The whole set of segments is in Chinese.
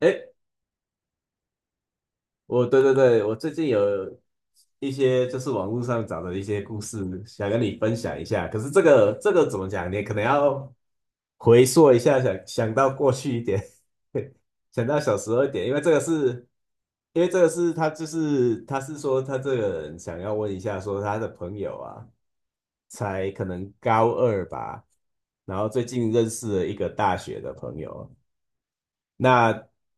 哎，我对对对，我最近有一些就是网络上找的一些故事，想跟你分享一下。可是这个怎么讲？你可能要回溯一下，想到过去一点，想到小时候一点，因为这个是他就是他是说他这个人想要问一下，说他的朋友啊，才可能高二吧，然后最近认识了一个大学的朋友。那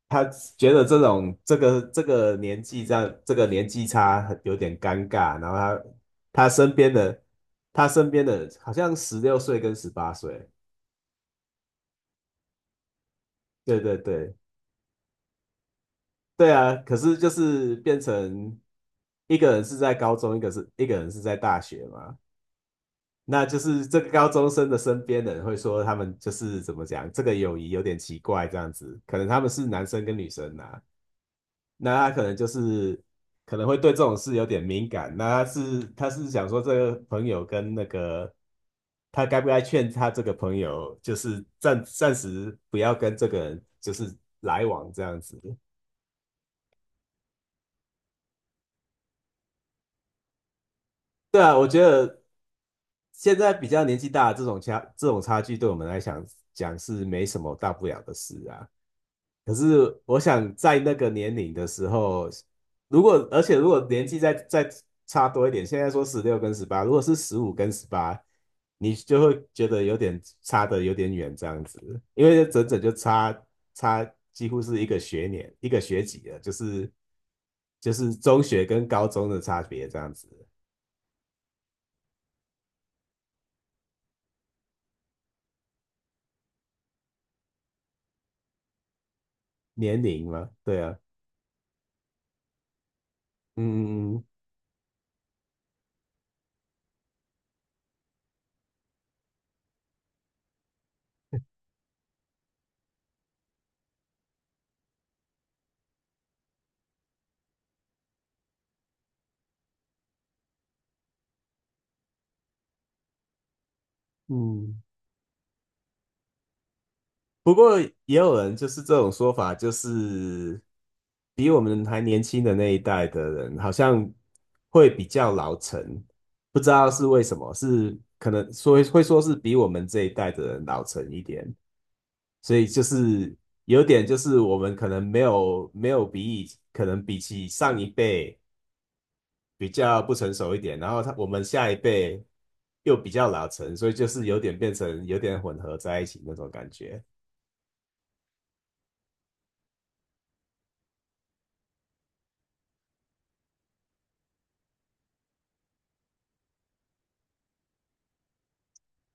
他觉得这种这个年纪这样这个年纪差很有点尴尬，然后他他身边的他身边的好像16岁跟18岁，对对对对啊，可是就是变成一个人是在高中，一个人是在大学嘛，那就是这个高中生的身边的人会说他们就是怎么讲，这个友谊有点奇怪这样子，可能他们是男生跟女生呐、那他可能就是可能会对这种事有点敏感。那他是想说，这个朋友跟那个他该不该劝他这个朋友，就是暂时不要跟这个人就是来往这样子。对啊，我觉得现在比较年纪大的这种差距，对我们来讲是没什么大不了的事啊。可是我想在那个年龄的时候，而且如果年纪再差多一点，现在说十六跟十八，如果是15跟十八，你就会觉得有点差的有点远这样子，因为整整就差几乎是一个学年一个学级了，就是中学跟高中的差别这样子，年龄嘛，对啊，嗯嗯嗯。不过也有人就是这种说法，就是比我们还年轻的那一代的人，好像会比较老成，不知道是为什么，是可能说会说是比我们这一代的人老成一点，所以就是有点就是我们可能没有比以可能比起上一辈比较不成熟一点，然后他我们下一辈又比较老成，所以就是有点变成有点混合在一起那种感觉。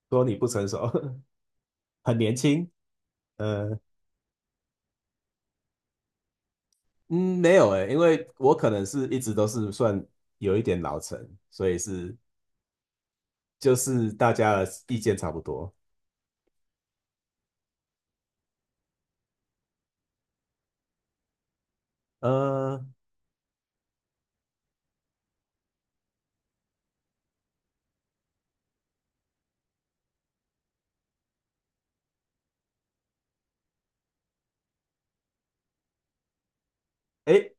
说你不成熟，很年轻。呃，嗯，没有诶，因为我可能是一直都是算有一点老成，所以就是大家的意见差不多。呃，诶，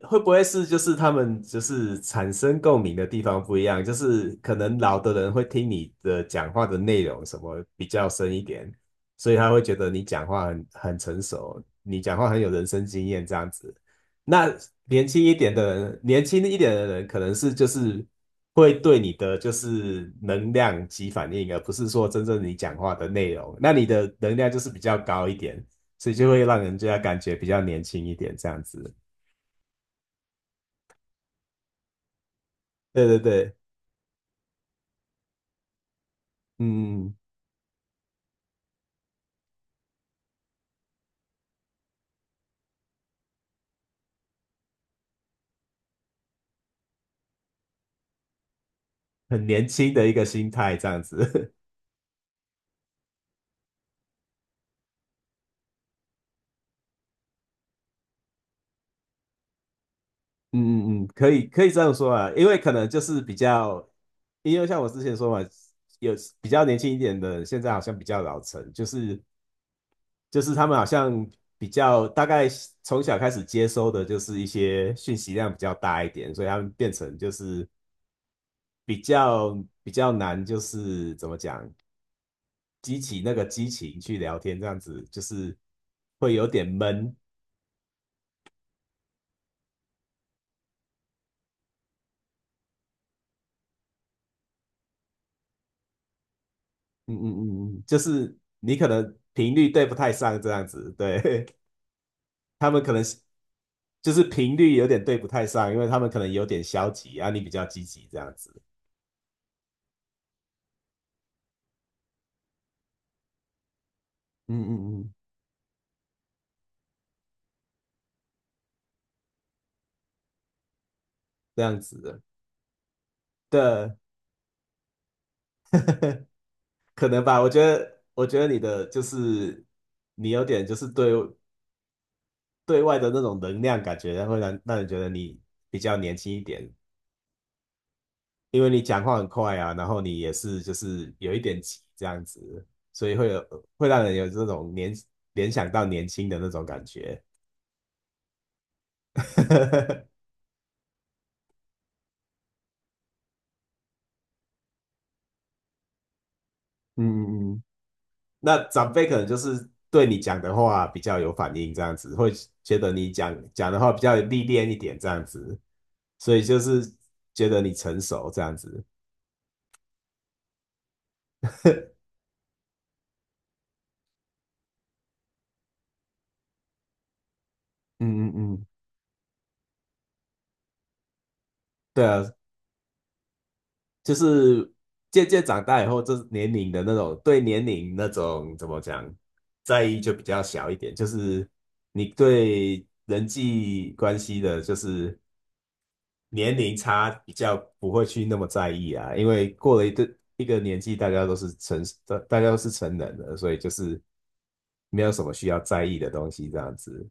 会不会是就是他们就是产生共鸣的地方不一样？就是可能老的人会听你的讲话的内容什么比较深一点，所以他会觉得你讲话很成熟，你讲话很有人生经验这样子。那年轻一点的人，年轻一点的人可能是就是会对你的就是能量起反应，而不是说真正你讲话的内容。那你的能量就是比较高一点，所以就会让人家感觉比较年轻一点这样子。对对对。嗯，很年轻的一个心态这样子，嗯嗯嗯，可以可以这样说啊，因为可能就是比较，因为像我之前说嘛，有比较年轻一点的，现在好像比较老成，就是他们好像比较大概从小开始接收的就是一些讯息量比较大一点，所以他们变成就是比较比较难，就是怎么讲，激起那个激情去聊天这样子，就是会有点闷。嗯嗯嗯，嗯就是你可能频率对不太上这样子，对，他们可能是就是频率有点对不太上，因为他们可能有点消极啊，你比较积极这样子，嗯嗯嗯，这样子的，对，可能吧，我觉得你的就是你有点就是对对外的那种能量感觉，会让人觉得你比较年轻一点，因为你讲话很快啊，然后你也是就是有一点急这样子，所以会让人有这种年联想到年轻的那种感觉。嗯嗯嗯，那长辈可能就是对你讲的话比较有反应，这样子会觉得你讲的话比较历练一点，这样子，所以就是觉得你成熟这样子。嗯嗯嗯，对啊，就是渐渐长大以后，就是年龄的那种对年龄那种怎么讲在意就比较小一点，就是你对人际关系的，就是年龄差比较不会去那么在意啊，因为过了一个年纪，大大家都是成人了，所以就是没有什么需要在意的东西这样子。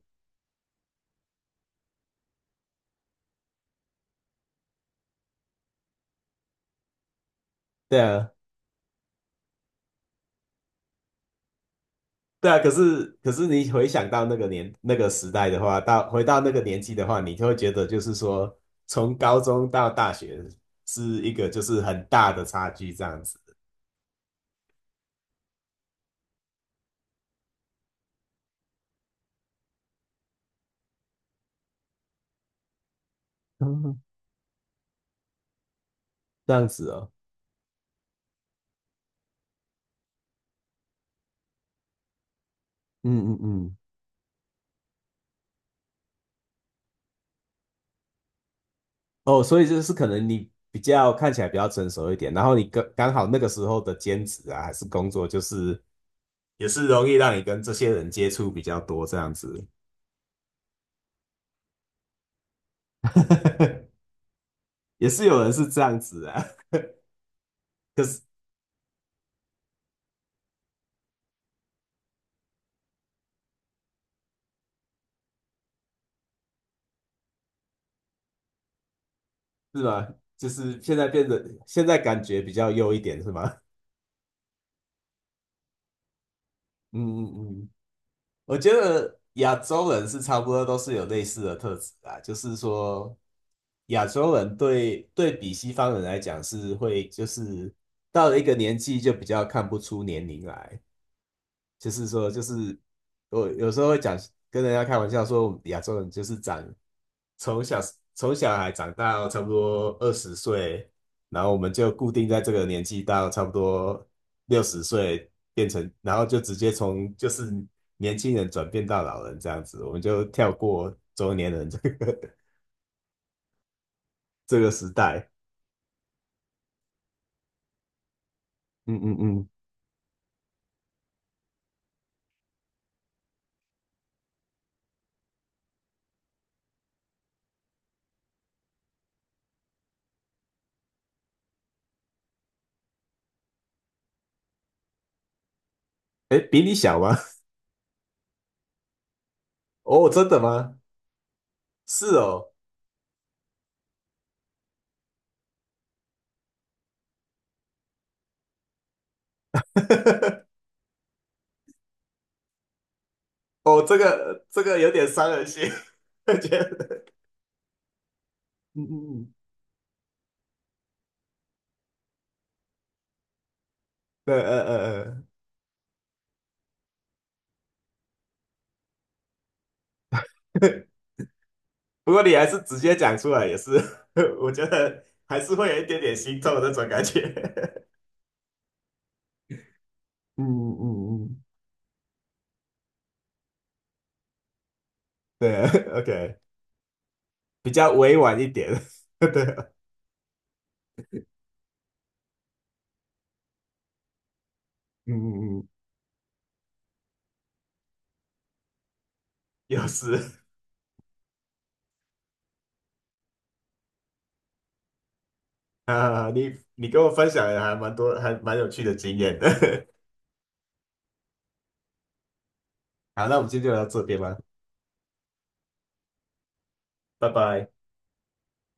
对啊，对啊，可是你回想到那个年那个时代的话，回到那个年纪的话，你就会觉得就是说，从高中到大学是一个就是很大的差距这样子。嗯，这样子哦，嗯嗯嗯，哦，所以就是可能你比较看起来比较成熟一点，然后你刚刚好那个时候的兼职啊，还是工作，就是也是容易让你跟这些人接触比较多这样子，也是有人是这样子啊。可是。是吗？就是现在变得，现在感觉比较优一点，是吗？嗯嗯嗯，我觉得亚洲人是差不多都是有类似的特质啊，就是说亚洲人对比西方人来讲是会，就是到了一个年纪就比较看不出年龄来，就是说就是我有时候会讲跟人家开玩笑说，我们亚洲人就是长从小从小孩长到差不多20岁，然后我们就固定在这个年纪到差不多60岁，变成，然后就直接从就是年轻人转变到老人这样子，我们就跳过中年人这个 这个时代。嗯嗯嗯，哎，比你小吗？哦，真的吗？是哦，哦，这个有点伤人心，觉得，嗯嗯嗯，呃呃呃呃不过你还是直接讲出来，也是，我觉得还是会有一点点心痛的那种感觉。嗯嗯嗯，对，OK，比较委婉一点，对，嗯嗯嗯，有时 啊，你跟我分享了还蛮多，还蛮有趣的经验的。好，那我们今天就聊到这边吧，拜拜。